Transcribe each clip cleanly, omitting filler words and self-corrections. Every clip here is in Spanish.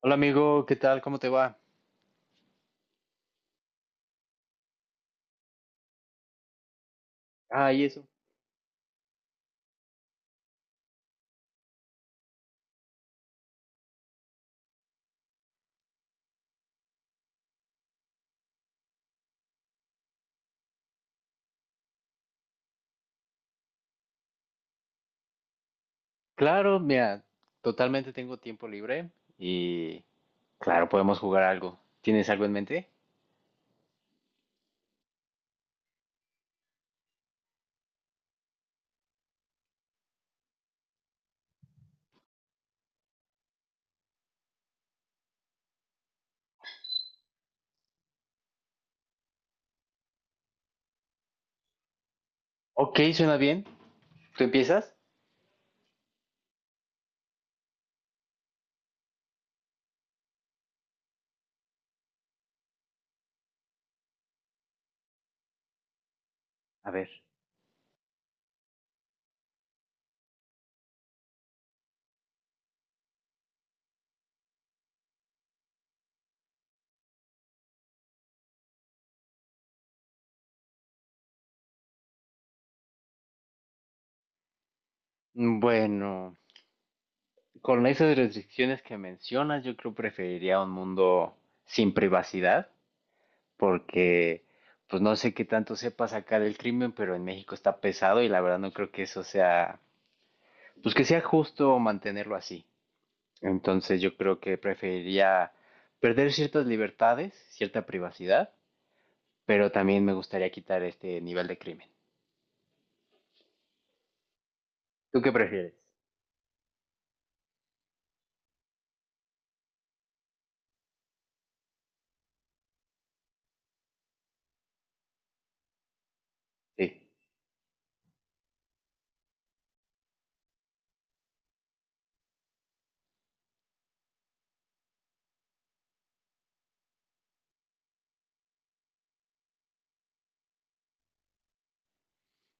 Hola amigo, ¿qué tal? ¿Cómo te va? Ah, y eso. Claro, mira, totalmente tengo tiempo libre y claro, podemos jugar algo. ¿Tienes algo en mente? Ok, suena bien. ¿Tú empiezas? A ver. Bueno, con esas restricciones que mencionas, yo creo preferiría un mundo sin privacidad, porque pues no sé qué tanto sepa sacar el crimen, pero en México está pesado y la verdad no creo que eso sea, pues que sea justo mantenerlo así. Entonces yo creo que preferiría perder ciertas libertades, cierta privacidad, pero también me gustaría quitar este nivel de crimen. ¿Tú qué prefieres? Sí.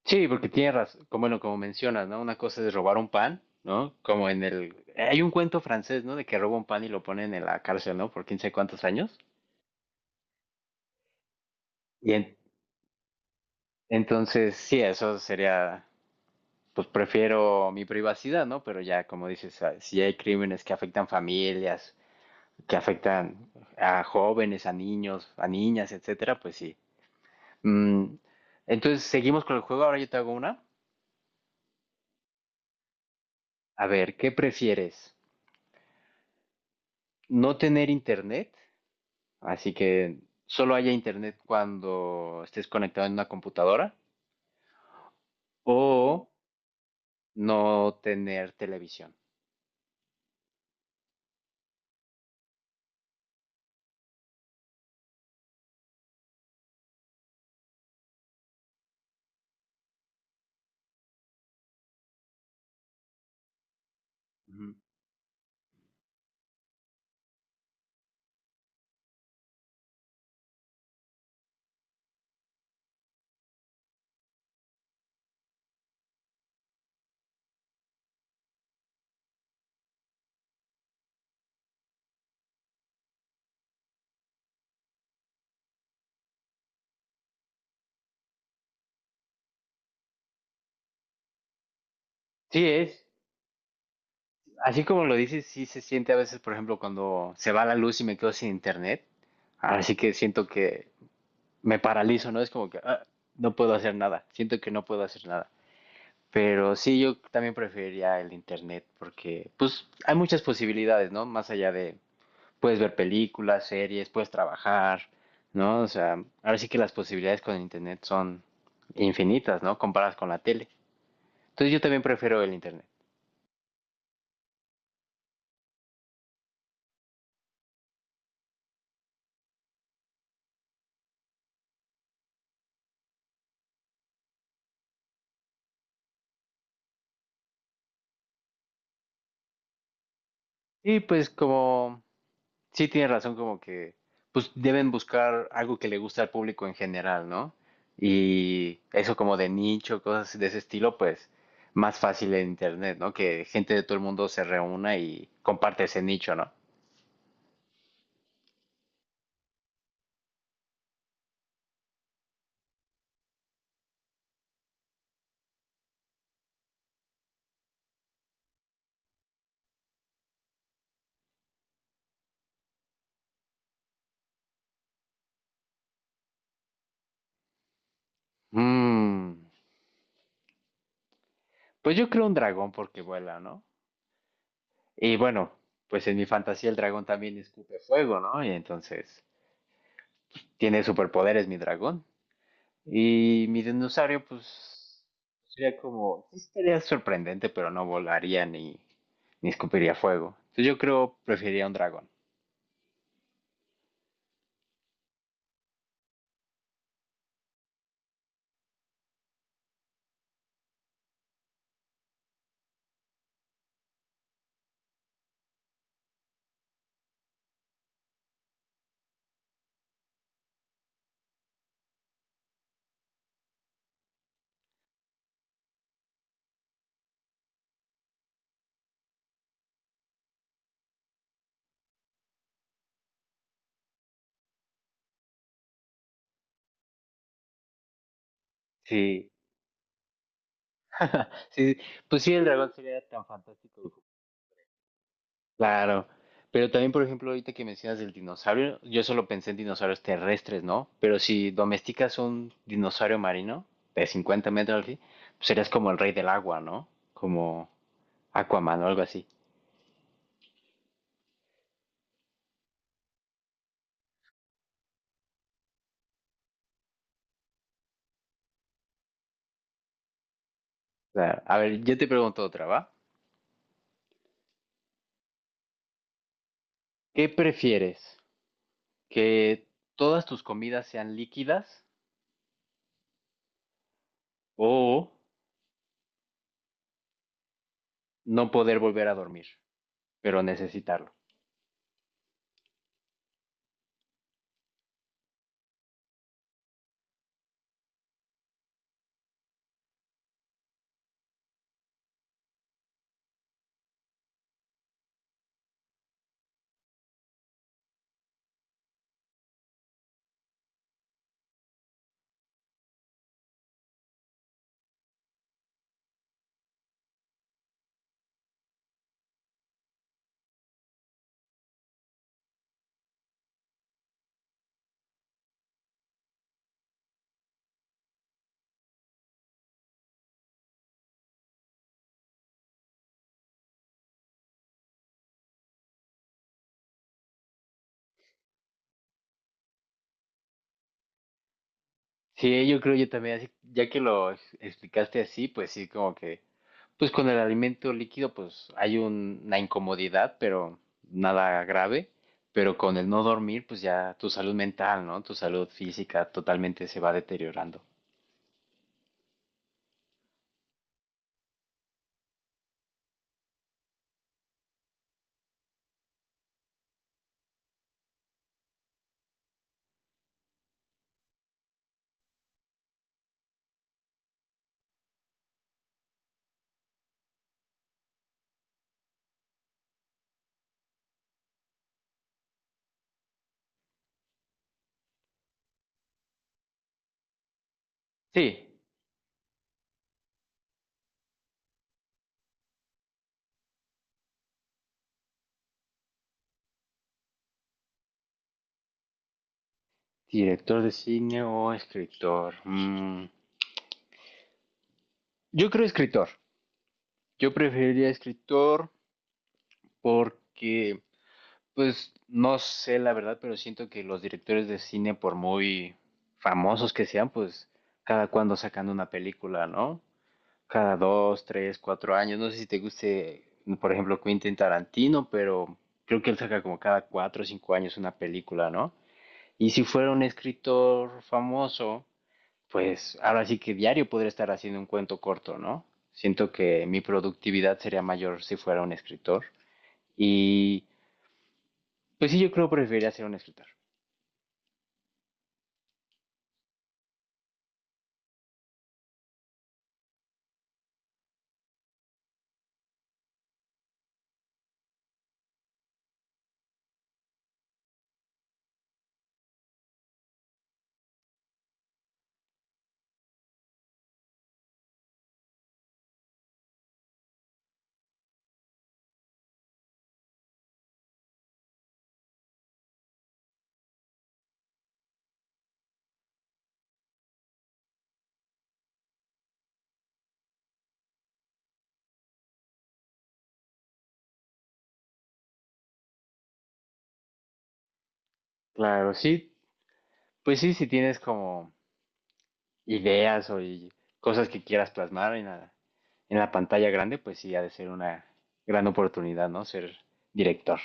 Sí, porque tienes razón, como, bueno, como mencionas, ¿no? Una cosa es robar un pan, ¿no? Como en el. Hay un cuento francés, ¿no? De que roba un pan y lo ponen en la cárcel, ¿no? Por quién sabe cuántos años. Y en- entonces, sí, eso sería, pues prefiero mi privacidad, ¿no? Pero ya, como dices, ah, si hay crímenes que afectan familias, que afectan a jóvenes, a niños, a niñas, etcétera, pues sí. Mm, entonces, seguimos con el juego. Ahora yo te hago una. A ver, ¿qué prefieres? ¿No tener internet? Así que solo haya internet cuando estés conectado en una computadora. O no tener televisión. Ujú. Sí, es. Así como lo dices, sí se siente a veces, por ejemplo, cuando se va la luz y me quedo sin internet. Así que siento que me paralizo, ¿no? Es como que ah, no puedo hacer nada, siento que no puedo hacer nada. Pero sí, yo también preferiría el internet porque, pues, hay muchas posibilidades, ¿no? Más allá de, puedes ver películas, series, puedes trabajar, ¿no? O sea, ahora sí que las posibilidades con el internet son infinitas, ¿no? Comparadas con la tele. Entonces yo también prefiero el internet. Y pues como Sí, tienes razón, como que pues deben buscar algo que le guste al público en general, ¿no? Y eso como de nicho, cosas de ese estilo, pues más fácil en internet, ¿no? Que gente de todo el mundo se reúna y comparte ese nicho, ¿no? Mm, pues yo creo un dragón porque vuela, ¿no? Y bueno, pues en mi fantasía el dragón también escupe fuego, ¿no? Y entonces tiene superpoderes mi dragón. Y mi dinosaurio, pues, sería como, sí estaría sorprendente, pero no volaría ni escupiría fuego. Entonces yo creo preferiría un dragón. Sí, sí, pues sí, el dragón sería tan fantástico. Claro, pero también, por ejemplo, ahorita que mencionas el dinosaurio, yo solo pensé en dinosaurios terrestres, ¿no? Pero si domesticas un dinosaurio marino de 50 metros, así, pues serías como el rey del agua, ¿no? Como Aquaman o algo así. Claro. A ver, yo te pregunto otra, ¿va? ¿Qué prefieres? ¿Que todas tus comidas sean líquidas o no poder volver a dormir, pero necesitarlo? Sí, yo creo yo también, así- ya que lo explicaste así, pues sí, como que, pues con el alimento líquido, pues hay una incomodidad, pero nada grave, pero con el no dormir, pues ya tu salud mental, ¿no? Tu salud física totalmente se va deteriorando. Sí, director de cine o escritor. Yo creo escritor. Yo preferiría escritor porque, pues, no sé la verdad, pero siento que los directores de cine, por muy famosos que sean, pues, cada cuando sacan una película, ¿no? Cada 2, 3, 4 años. No sé si te guste, por ejemplo, Quentin Tarantino, pero creo que él saca como cada 4 o 5 años una película, ¿no? Y si fuera un escritor famoso, pues ahora sí que diario podría estar haciendo un cuento corto, ¿no? Siento que mi productividad sería mayor si fuera un escritor. Y pues sí, yo creo que preferiría ser un escritor. Claro, sí, pues sí, si tienes como ideas o y cosas que quieras plasmar en la pantalla grande, pues sí, ha de ser una gran oportunidad, ¿no? Ser director.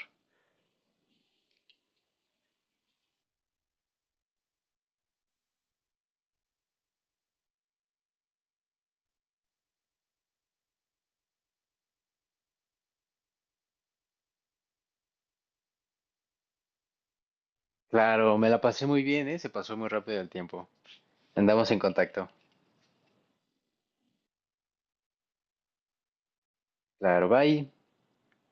Claro, me la pasé muy bien, ¿eh? Se pasó muy rápido el tiempo. Andamos en contacto. Claro, bye.